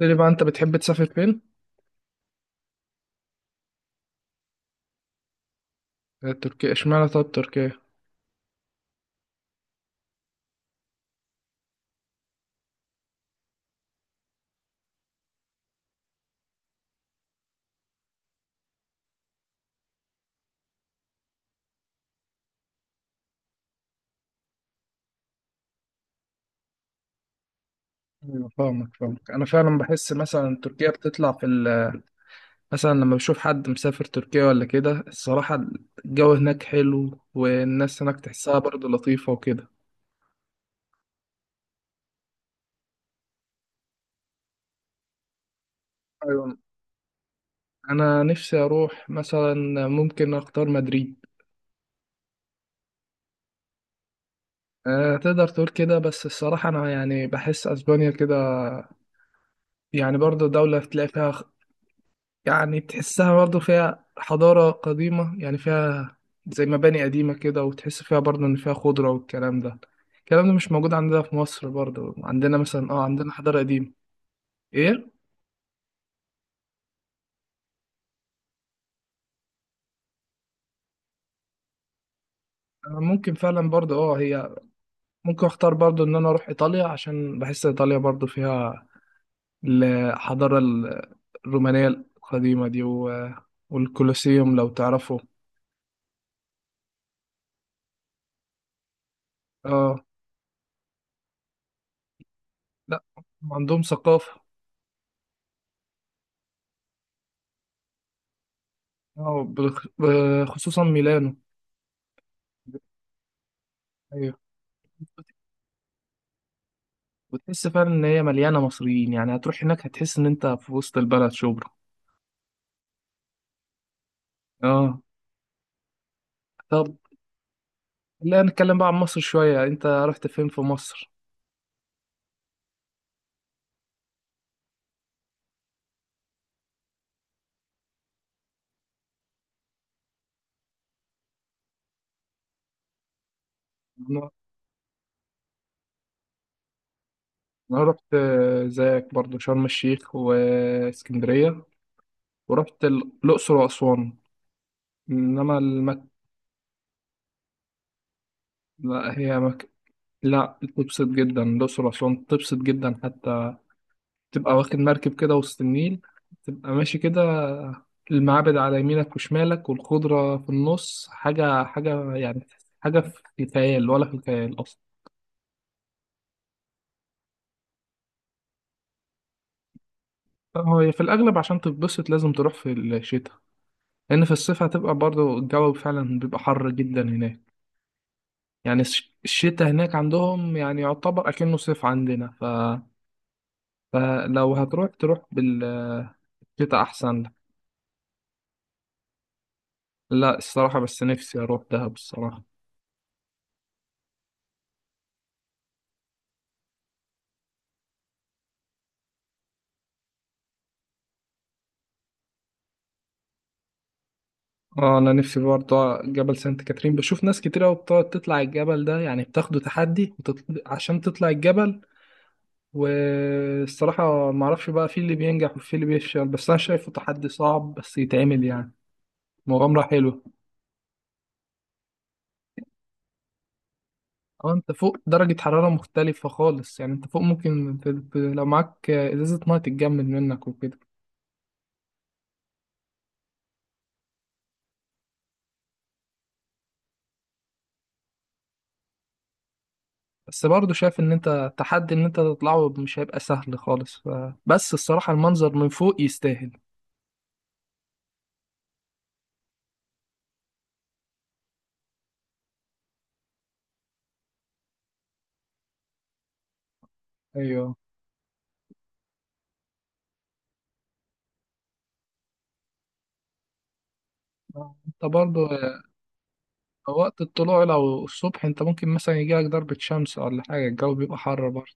لي بقى انت بتحب تسافر فين؟ آه، تركيا اشمعنى طب تركيا؟ ايوه، فاهمك فاهمك. انا فعلا بحس مثلا تركيا بتطلع في ال مثلا لما بشوف حد مسافر تركيا ولا كده. الصراحة الجو هناك حلو والناس هناك تحسها برضه لطيفة وكده. ايوه، انا نفسي اروح مثلا، ممكن اختار مدريد. أه، تقدر تقول كده، بس الصراحة أنا يعني بحس أسبانيا كده يعني برضه دولة تلاقي فيها، يعني تحسها برضه فيها حضارة قديمة، يعني فيها زي مباني قديمة كده، وتحس فيها برضه إن فيها خضرة والكلام ده. الكلام ده مش موجود عندنا في مصر، برضه عندنا مثلا اه عندنا حضارة قديمة. ايه؟ أنا ممكن فعلا برضه اه هي ممكن اختار برضه ان انا اروح ايطاليا، عشان بحس ايطاليا برضه فيها الحضارة الرومانية القديمة دي، والكولوسيوم لو تعرفه. اه. لا، عندهم ثقافة. اه، بخصوصا ميلانو. ايوه، وتحس فعلا ان هي مليانه مصريين، يعني هتروح هناك هتحس ان انت في وسط البلد شبرا. اه. طب لا، نتكلم بقى عن مصر شويه. انت رحت فين في مصر؟ انا أنا رحت آه، زيك برضو شرم الشيخ واسكندريه، ورحت الاقصر واسوان. انما المك... لا هي مك... لا، تبسط جدا. الاقصر واسوان تبسط جدا حتى. تبقى واخد مركب كده وسط النيل، تبقى ماشي كده، المعابد على يمينك وشمالك والخضرة في النص. حاجة حاجة يعني، حاجة في خيال ولا في الخيال أصلا. هو هي في الأغلب عشان تتبسط لازم تروح في الشتاء، لأن في الصيف هتبقى برضه الجو فعلا بيبقى حر جدا هناك. يعني الشتاء هناك عندهم يعني يعتبر أكنه صيف عندنا، فلو هتروح تروح بالشتاء، أحسن لك. لا، الصراحة بس نفسي أروح دهب الصراحة. اه، انا نفسي برضه جبل سانت كاترين. بشوف ناس كتير قوي بتقعد تطلع الجبل ده، يعني بتاخده تحدي، عشان تطلع الجبل. والصراحة ما اعرفش بقى في اللي بينجح وفي اللي بيفشل، بس انا شايفه تحدي صعب بس يتعمل يعني. مغامرة حلوة. اه، انت فوق درجة حرارة مختلفة خالص، يعني انت فوق ممكن لو معاك ازازة مية تتجمد منك وكده. بس برضه شايف ان انت تحدي، ان انت تطلعه مش هيبقى سهل خالص، بس الصراحة المنظر من فوق يستاهل. ايوه. انت برضه وقت الطلوع لو الصبح انت ممكن مثلا يجيلك ضربة شمس ولا حاجة، الجو بيبقى حر برضه.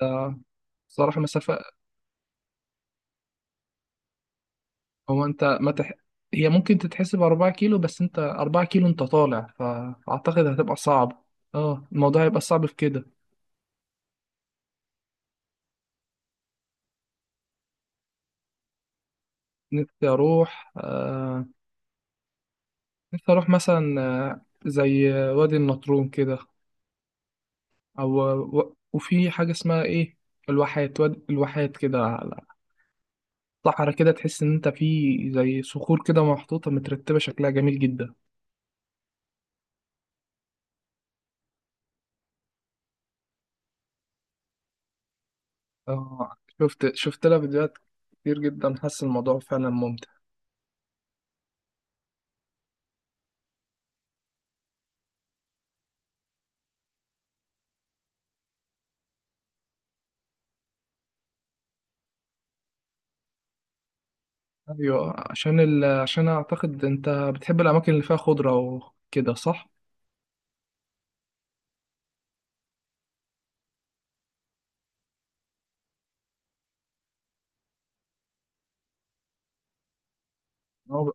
ده صراحة مسافة. هو انت ما تح... هي ممكن تتحسب 4 كيلو، بس انت 4 كيلو انت طالع، فأعتقد هتبقى صعب. اه، الموضوع هيبقى صعب في كده. نفسي أروح آه... نفسي أروح مثلا آه، زي وادي النطرون كده، أو وفي حاجة اسمها إيه، الواحات، وادي الواحات كده، على صحرا كده تحس إن أنت في زي صخور كده محطوطة مترتبة شكلها جميل جدا. اه، شفت شفت لها فيديوهات كتير جدا، حاسس الموضوع فعلا ممتع. ايوه، عشان اعتقد انت بتحب الاماكن اللي فيها خضره وكده، صح؟ أو...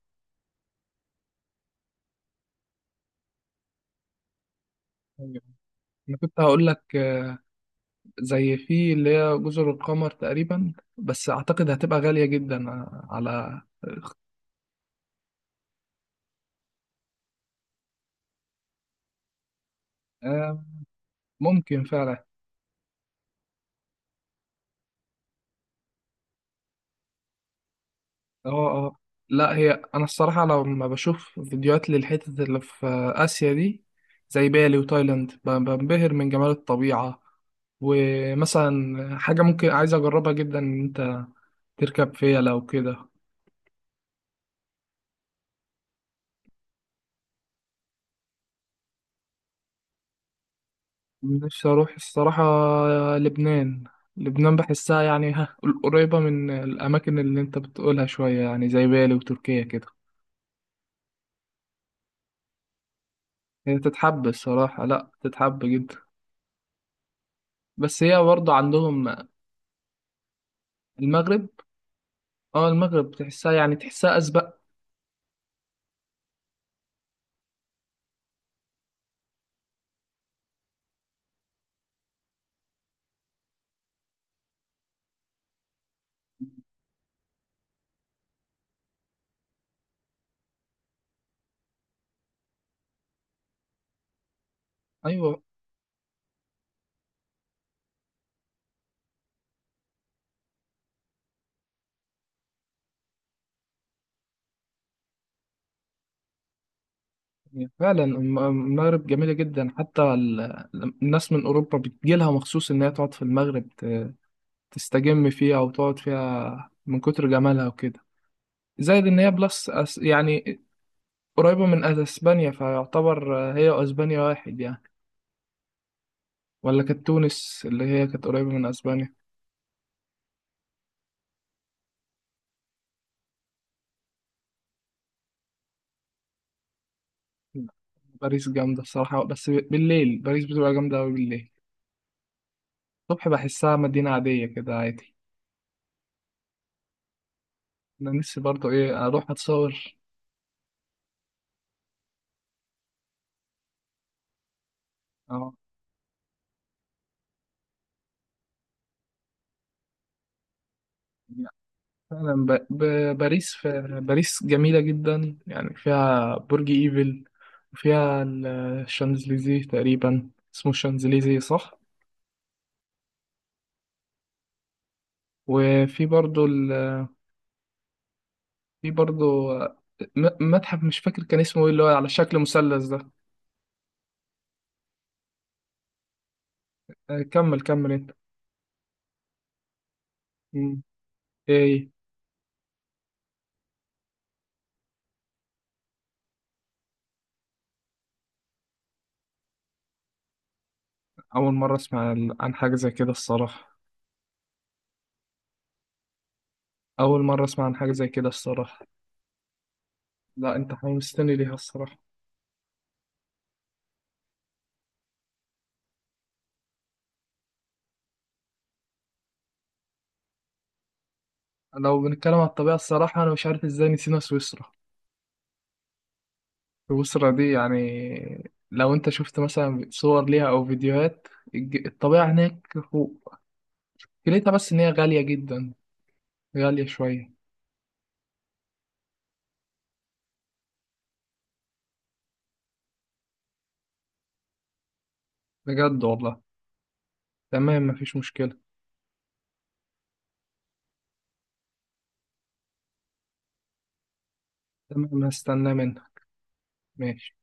ايوه، انا كنت هقول لك آه، زي في اللي هي جزر القمر تقريبا، بس اعتقد هتبقى غاليه جدا آه، على. آه، ممكن فعلا. اه اه، لا هي انا الصراحه لما بشوف فيديوهات للحتت اللي في اسيا دي، زي بالي وتايلاند بنبهر من جمال الطبيعه. ومثلا حاجه ممكن عايز اجربها جدا، ان انت تركب فيلا وكده. نفسي اروح الصراحه لبنان. لبنان بحسها يعني ها، قريبه من الاماكن اللي انت بتقولها شويه يعني زي بالي وتركيا كده. هي تتحب الصراحه، لا تتحب جدا. بس هي برضه عندهم. المغرب. اه، المغرب تحسها يعني تحسها أسبق. أيوة. فعلا المغرب جميلة جدا، حتى الناس من أوروبا بتجيلها مخصوص إنها تقعد في المغرب، تستجم فيها وتقعد فيها من كتر جمالها وكده. زائد إن هي بلس يعني قريبة من أسبانيا، فيعتبر هي وأسبانيا واحد يعني، ولا كانت تونس اللي هي كانت قريبة من أسبانيا. باريس جامدة الصراحة، بس بالليل باريس بتبقى جامدة أوي. بالليل الصبح بحسها مدينة عادية كده، عادي. أنا نفسي برضه إيه أروح أتصور. اه، يعني فعلا باريس ف... باريس جميلة جدا، يعني فيها برج ايفل، وفيها الشانزليزيه تقريبا. اسمه الشانزليزيه صح؟ وفي برضو ال... في برضو متحف مش فاكر كان اسمه ايه، اللي هو على شكل مثلث ده. آه، كمل كمل انت. مم. ايه إيه. اول مرة اسمع عن حاجة زي كده الصراحة. اول مرة اسمع عن حاجة زي كده الصراحة. لا، انت حمستني ليها الصراحة. لو بنتكلم على الطبيعة، الصراحة أنا مش عارف إزاي نسينا سويسرا. سويسرا دي يعني لو انت شفت مثلا صور ليها او فيديوهات، الطبيعة هناك فوق. ليتها بس ان هي غالية جدا، غالية شوية. بجد والله. تمام، مفيش مشكلة. تمام، هستناه منها. ماشي.